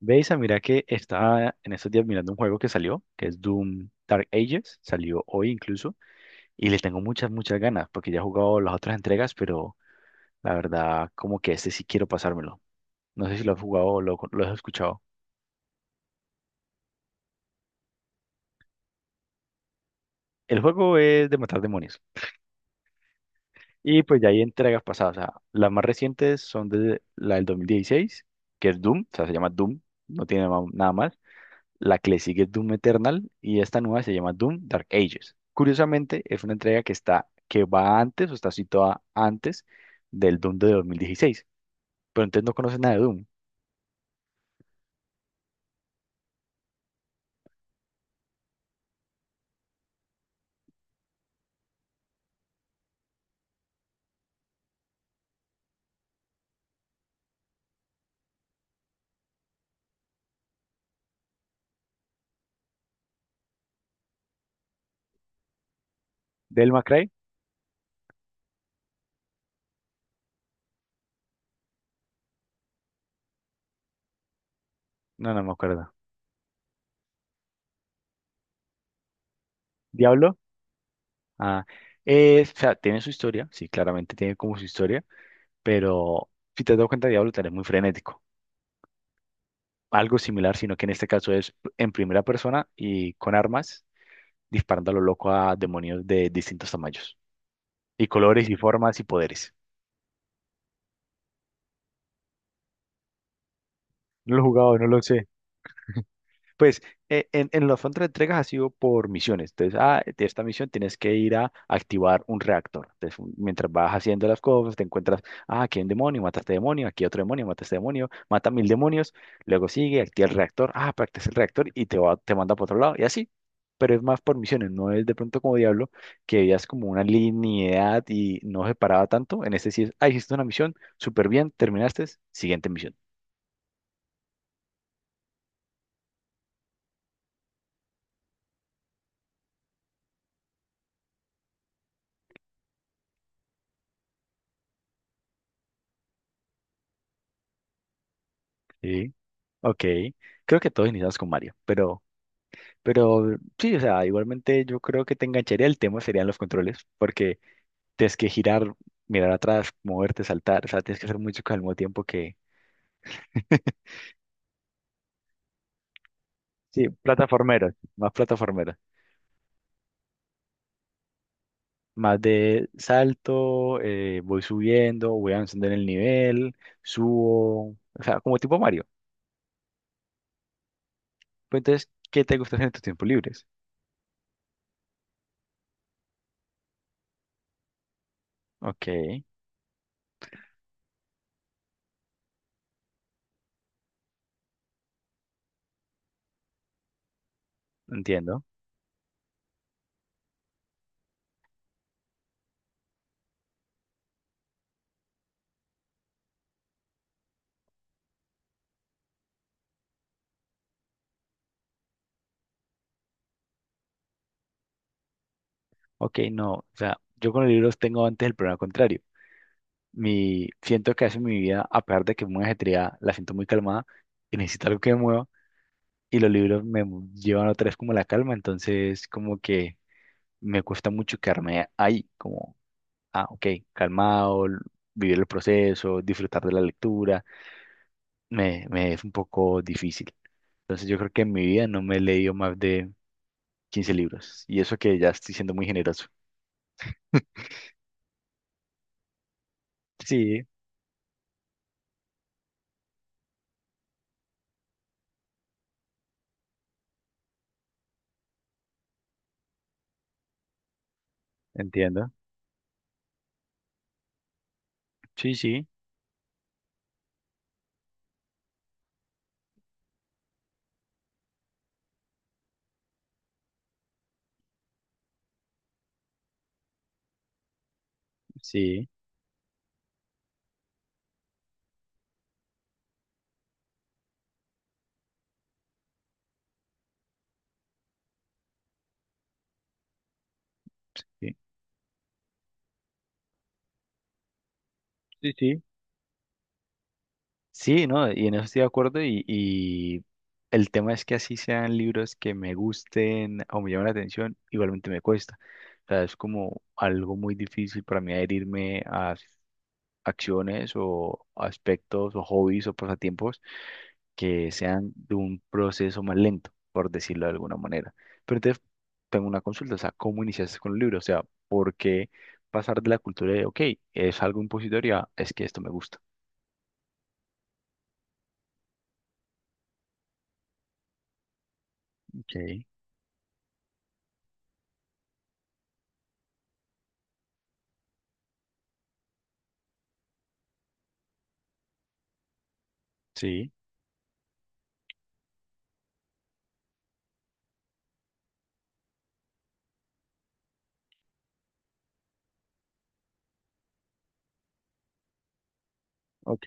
Veis, mira que estaba en estos días mirando un juego que salió, que es Doom Dark Ages, salió hoy incluso, y le tengo muchas ganas, porque ya he jugado las otras entregas, pero la verdad, como que este sí quiero pasármelo. No sé si lo has jugado o lo has escuchado. El juego es de matar demonios, y pues ya hay entregas pasadas, o sea, las más recientes son de la del 2016, que es Doom, o sea, se llama Doom, nada más. La que le sigue es Doom Eternal y esta nueva se llama Doom Dark Ages. Curiosamente, es una entrega que que va antes o está situada antes del Doom de 2016. Pero entonces no conoces nada de Doom. ¿Del Cry? No, no me acuerdo. ¿Diablo? Ah, o sea, tiene su historia, sí, claramente tiene como su historia, pero si te has dado cuenta, Diablo también es muy frenético. Algo similar, sino que en este caso es en primera persona y con armas, disparando a lo loco a demonios de distintos tamaños, y colores, y formas, y poderes. No lo he jugado, no lo sé. Pues en los fondos de entregas ha sido por misiones. Entonces, de esta misión tienes que ir a activar un reactor. Entonces, mientras vas haciendo las cosas, te encuentras, ah, aquí hay un demonio, mata a este demonio, aquí hay otro demonio, mata a este demonio, mata mil demonios, luego sigue, activa el reactor, ah, practica el reactor y te manda para otro lado y así. Pero es más por misiones, no es de pronto como Diablo, que veías como una linealidad y no separaba tanto. En este sí es, ah, hiciste una misión, súper bien, terminaste, siguiente misión. Ok, creo que todos iniciamos con Mario, pero sí, o sea, igualmente yo creo que te engancharía el tema serían los controles, porque tienes que girar, mirar atrás, moverte, saltar, o sea, tienes que hacer mucho al mismo tiempo que, sí, plataformeros, más de salto, voy subiendo, voy avanzando en el nivel, subo, o sea, como tipo Mario. Pero entonces, ¿qué te gusta hacer en tus tiempos libres? Ok, entiendo. Ok, no, o sea, yo con los libros tengo antes el problema contrario. Mi, siento que hace mi vida, a pesar de que es muy ajetreada, la siento muy calmada y necesito algo que me mueva. Y los llevan otra vez como la calma, entonces como que me cuesta mucho quedarme ahí, como, ah, ok, calmado, l- vivir el proceso, disfrutar de la lectura, me es un poco difícil. Entonces yo creo que en mi vida no me he leído más de 15 y eso que ya estoy siendo muy generoso. Sí, entiendo. Sí, sí, sí, sí, sí, sí, sí, no, y en eso estoy de acuerdo y el tema es que así sean libros que me gusten o me llamen la atención, igualmente me cuesta. O sea, es como algo muy difícil para mí adherirme a acciones o aspectos o hobbies o pasatiempos que sean de un proceso más lento, por decirlo de alguna manera. Pero entonces tengo una consulta, o sea, ¿cómo iniciaste con el libro? O sea, ¿por qué pasar de la cultura de, ok, es algo impositoria, es que esto me gusta? Okay, sí, ok.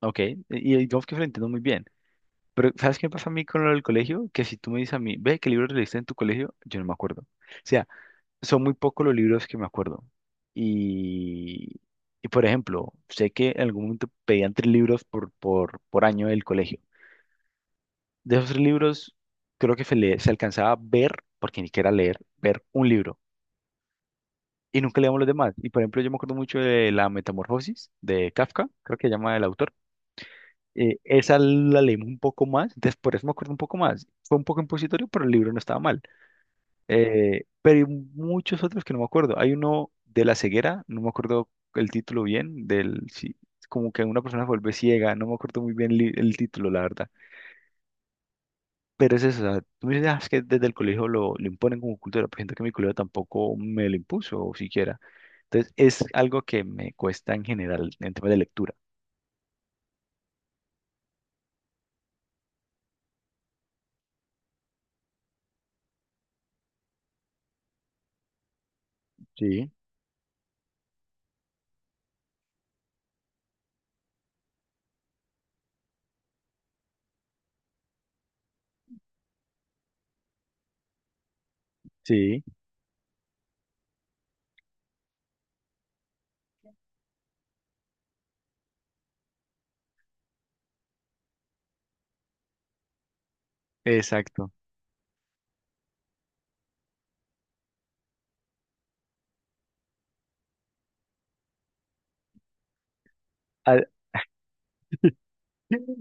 Ok, y digamos que lo entiendo muy bien. Pero, ¿sabes qué me pasa a mí con lo del colegio? Que si tú me dices a mí, ve, ¿qué libros leíste en tu colegio? Yo no me acuerdo. O sea, son muy pocos los libros que me acuerdo. Y, y por ejemplo, sé que en algún momento pedían tres libros por año del colegio. De esos tres libros, creo que se alcanzaba a ver, porque ni siquiera leer, ver un libro. Y nunca leíamos los demás. Y por ejemplo, yo me acuerdo mucho de La Metamorfosis de Kafka, creo que se llama el autor. Eh, esa la leímos un poco más, entonces por eso me acuerdo un poco más. Fue un poco impositorio, pero el libro no estaba mal. Pero hay muchos otros que no me acuerdo. Hay uno de la ceguera, no me acuerdo el título bien, del, sí, como que una persona se vuelve ciega, no me acuerdo muy bien el título, la verdad. Pero es eso, o sea, tú me dices, "Ah, es que desde el colegio lo imponen como cultura", pero siento que mi colegio tampoco me lo impuso, o siquiera. Entonces es algo que me cuesta en general en temas de lectura. Sí, sí, exacto.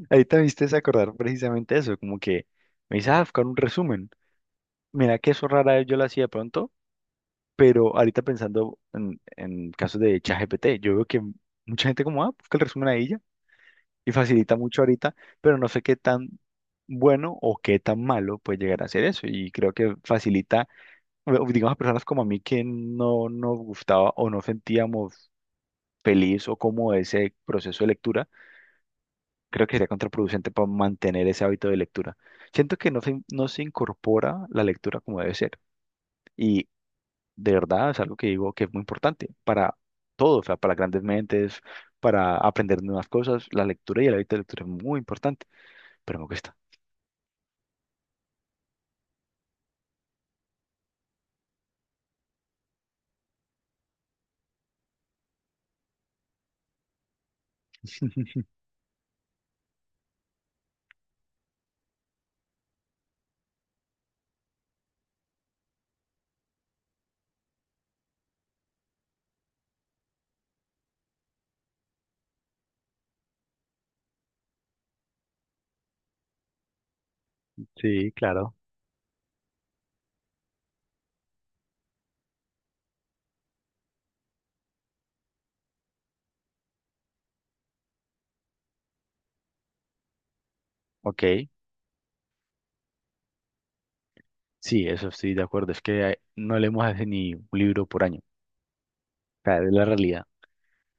Ahorita me hiciste acordar precisamente eso, como que me dice, ah, buscar un resumen. Mira que eso rara vez yo lo hacía de pronto, pero ahorita pensando en casos de ChatGPT, yo veo que mucha gente como, ah, busca el resumen ahí ya, y facilita mucho ahorita, pero no sé qué tan bueno o qué tan malo puede llegar a ser eso, y creo que facilita, o digamos, a personas como a mí que no nos gustaba o no sentíamos feliz o como ese proceso de lectura. Creo que sería contraproducente para mantener ese hábito de lectura. Siento que no se incorpora la lectura como debe ser. Y de verdad es algo que digo que es muy importante para todos, o sea, para grandes mentes, para aprender nuevas cosas. La lectura y el hábito de lectura es muy importante, pero me cuesta. Sí, claro. Ok. Sí, eso estoy de acuerdo. Es que no leemos hace ni un libro por año. O sea, es la realidad.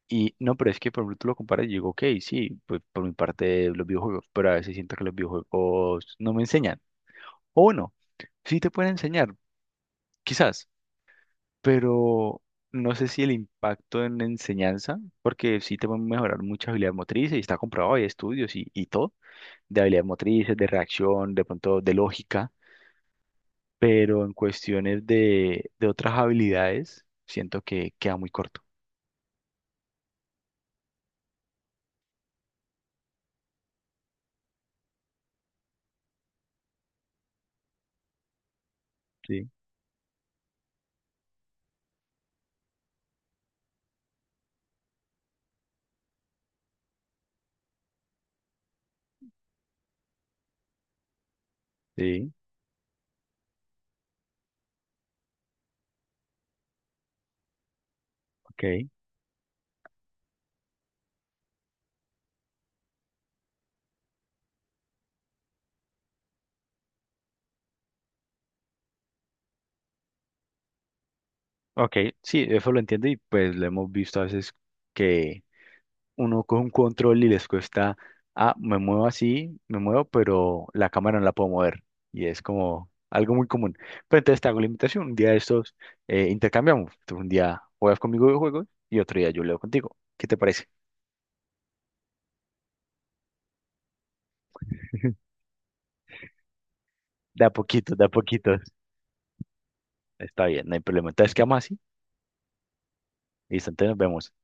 Y no, pero es que por ejemplo tú lo comparas y digo, ok, sí, pues por mi parte los videojuegos, pero a veces siento que los videojuegos no me enseñan. O no, sí te pueden enseñar, quizás, pero no sé si el impacto en la enseñanza, porque sí te pueden mejorar muchas habilidades motrices, y está comprobado, hay estudios y todo, de habilidades motrices, de reacción, de pronto de lógica, pero en cuestiones de otras habilidades, siento que queda muy corto. Sí, sí, ok, ok, sí, eso lo entiendo y pues lo hemos visto a veces que uno coge un control y les cuesta, ah, me muevo así, me muevo, pero la cámara no la puedo mover. Y es como algo muy común. Pero entonces te hago la invitación. Un día de estos intercambiamos. Tú un día juegas conmigo videojuegos y otro día yo leo contigo. ¿Qué te parece? De a poquitos, de a poquitos. Está bien, no hay problema. Entonces quedamos así. Listo, entonces nos vemos.